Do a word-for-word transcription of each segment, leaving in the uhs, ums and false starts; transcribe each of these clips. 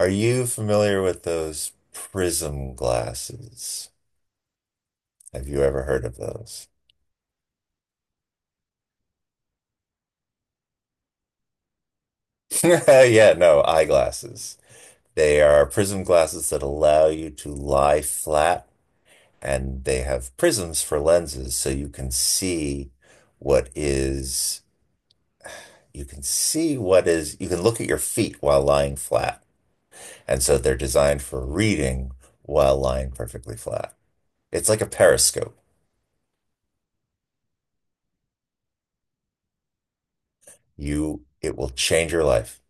Are you familiar with those prism glasses? Have you ever heard of those? Yeah, no, eyeglasses. They are prism glasses that allow you to lie flat, and they have prisms for lenses, so you can see what is, you can see what is, you can look at your feet while lying flat. And so they're designed for reading while lying perfectly flat. It's like a periscope. You, it will change your life.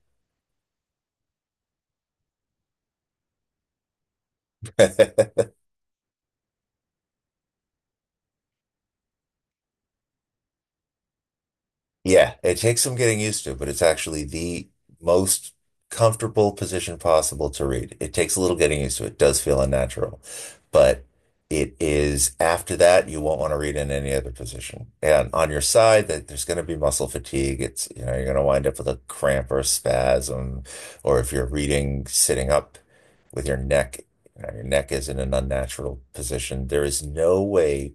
Yeah, it takes some getting used to, but it's actually the most comfortable position possible to read. It takes a little getting used to. It does feel unnatural, but it is after that you won't want to read in any other position. And on your side, that there's going to be muscle fatigue. It's, you know, you're going to wind up with a cramp or a spasm, or if you're reading sitting up with your neck, you know, your neck is in an unnatural position. There is no way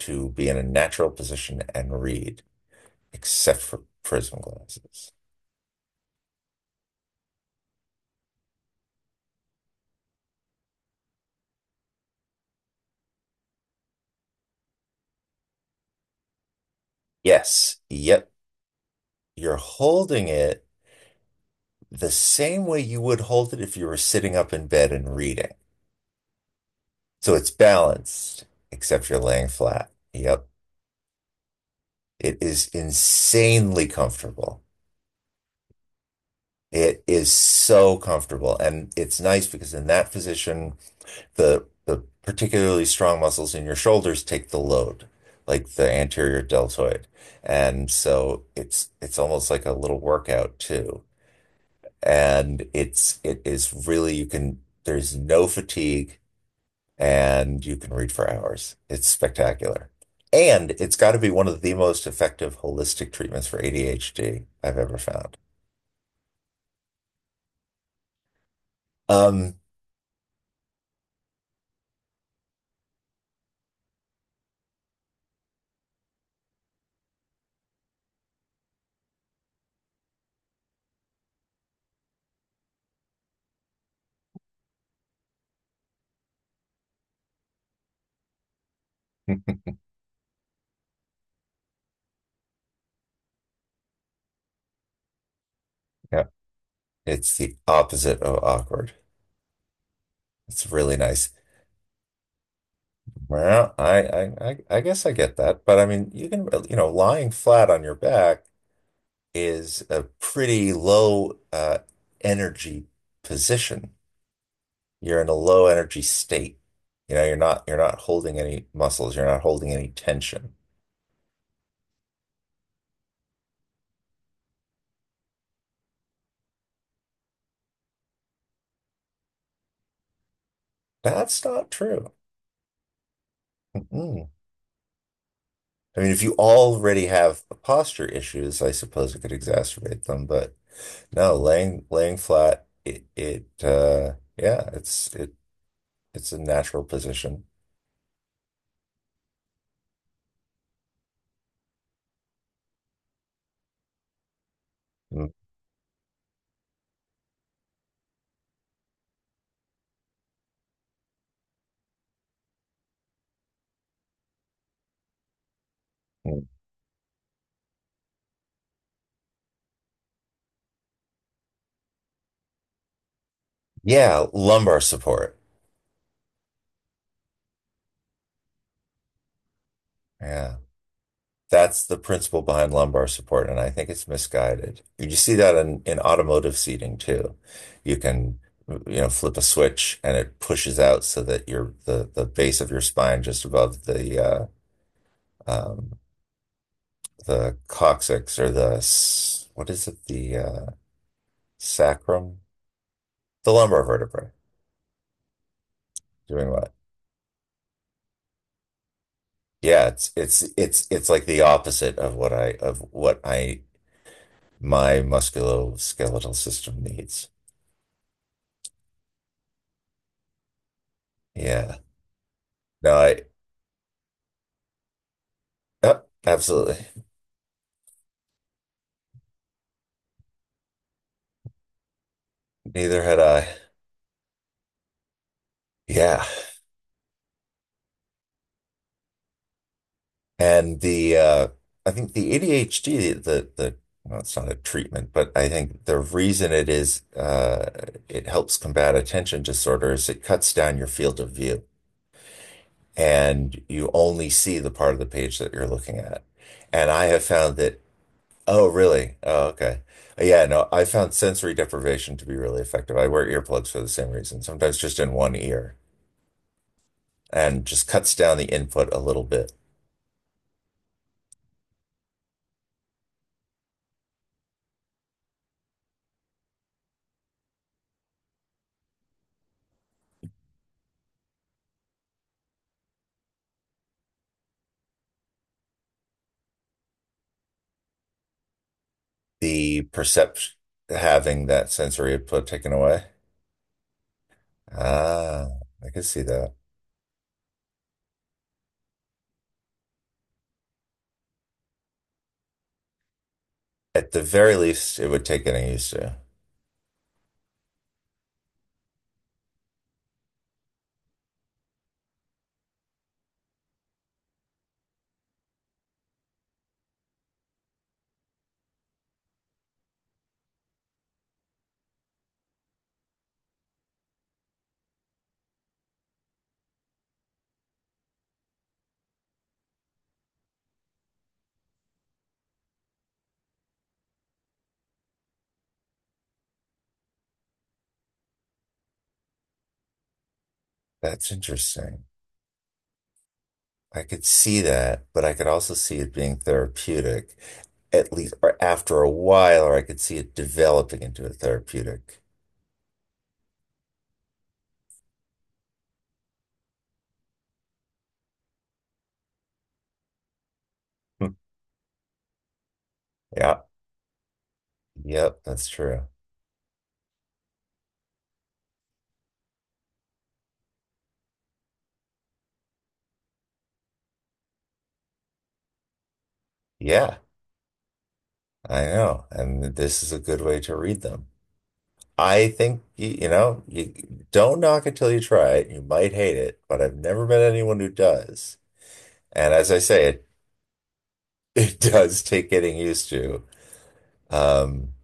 to be in a natural position and read except for prism glasses. Yes. Yep. You're holding it the same way you would hold it if you were sitting up in bed and reading. So it's balanced, except you're laying flat. Yep. It is insanely comfortable. It is so comfortable. And it's nice because in that position, the the particularly strong muscles in your shoulders take the load, like the anterior deltoid. And so it's it's almost like a little workout too. And it's it is really you can there's no fatigue, and you can read for hours. It's spectacular. And it's got to be one of the most effective holistic treatments for A D H D I've ever found. Um, yeah, it's the opposite of awkward. It's really nice. Well, I, I, I I guess I get that, but I mean, you can, you know, lying flat on your back is a pretty low uh, energy position. You're in a low energy state. You know, you're not you're not holding any muscles, you're not holding any tension. That's not true. Mm-mm. I mean, if you already have posture issues, I suppose it could exacerbate them, but no, laying laying flat, it it uh yeah, it's it it's a natural position. Mm-mm. Yeah, lumbar support. Yeah. That's the principle behind lumbar support, and I think it's misguided. You see that in, in automotive seating too. You can, you know, flip a switch and it pushes out so that your the the base of your spine just above the uh, um, the coccyx or the s- what is it the uh, sacrum, the lumbar vertebrae. Doing what? Yeah, it's it's it's it's like the opposite of what I of what I my musculoskeletal system needs. Yeah. No, I, Yep, absolutely. Neither had I. Yeah. And the uh I think the A D H D the the well, it's not a treatment, but I think the reason it is uh it helps combat attention disorder is it cuts down your field of view, and you only see the part of the page that you're looking at. And I have found that, oh really? Oh, okay. Yeah, no, I found sensory deprivation to be really effective. I wear earplugs for the same reason, sometimes just in one ear, and just cuts down the input a little bit. The perception, having that sensory input taken away. Ah, I could see that. At the very least, it would take getting used to. That's interesting. I could see that, but I could also see it being therapeutic, at least or after a while, or I could see it developing into a therapeutic. Hmm. Yeah, yep, that's true. Yeah, I know. And this is a good way to read them. I think you, you know, you don't knock it till you try it. You might hate it, but I've never met anyone who does. And as I say, it it does take getting used to. Um,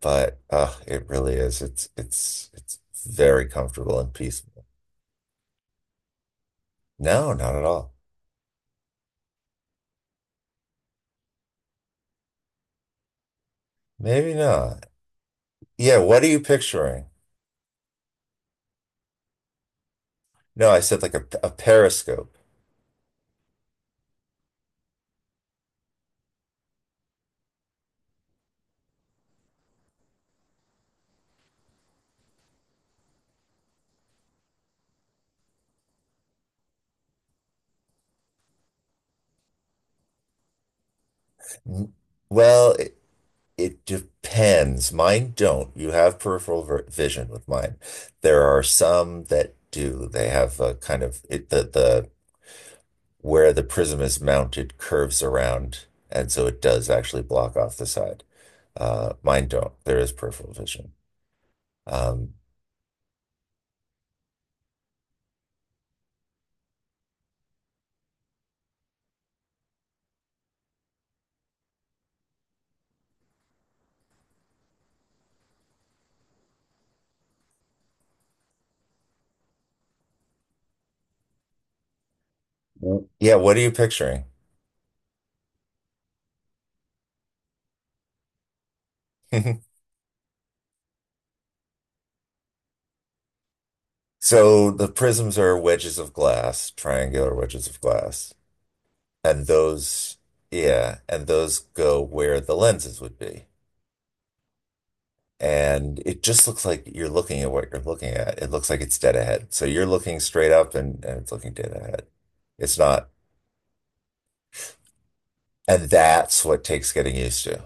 but uh, it really is. It's it's it's very comfortable and peaceful. No, not at all. Maybe not. Yeah, what are you picturing? No, I said like a, a periscope. N- Well, it depends. Mine don't. You have peripheral ver- vision with mine. There are some that do. They have a kind of it, the the where the prism is mounted curves around, and so it does actually block off the side. Uh, mine don't. There is peripheral vision. Um, w- yeah, what are you picturing? So the prisms are wedges of glass, triangular wedges of glass, and those, yeah, and those go where the lenses would be. And it just looks like you're looking at what you're looking at. It looks like it's dead ahead. So you're looking straight up, and, and it's looking dead ahead. It's not. And that's what takes getting used to.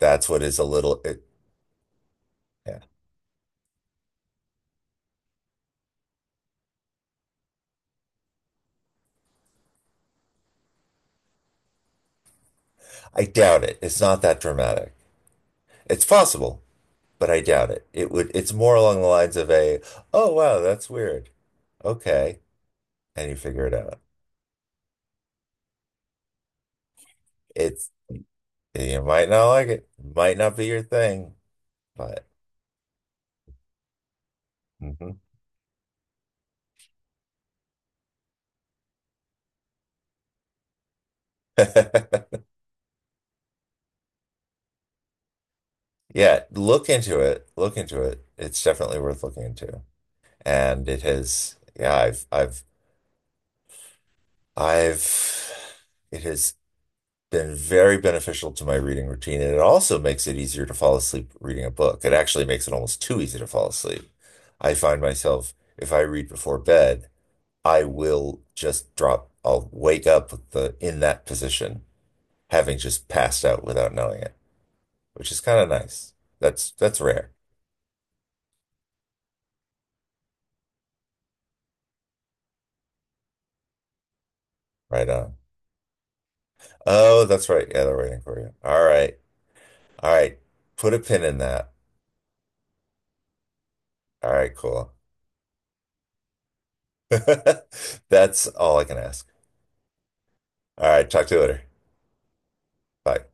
That's what is a little, it, yeah. I doubt it. It's not that dramatic. It's possible, but I doubt it. It would, it's more along the lines of a, oh, wow, that's weird. Okay. And you figure it out. It's, you might not like it, might not be your thing, but mhm. Yeah, look into it. Look into it. It's definitely worth looking into. And it has, yeah, I've, I've, I've, it has been very beneficial to my reading routine. And it also makes it easier to fall asleep reading a book. It actually makes it almost too easy to fall asleep. I find myself, if I read before bed, I will just drop, I'll wake up with the, in that position, having just passed out without knowing it, which is kind of nice. That's, that's rare, right? On. Oh, that's right. Yeah, they're waiting for you. All right. All right. Put a pin in that. All right, cool. That's all I can ask. All right, talk to you later. Bye.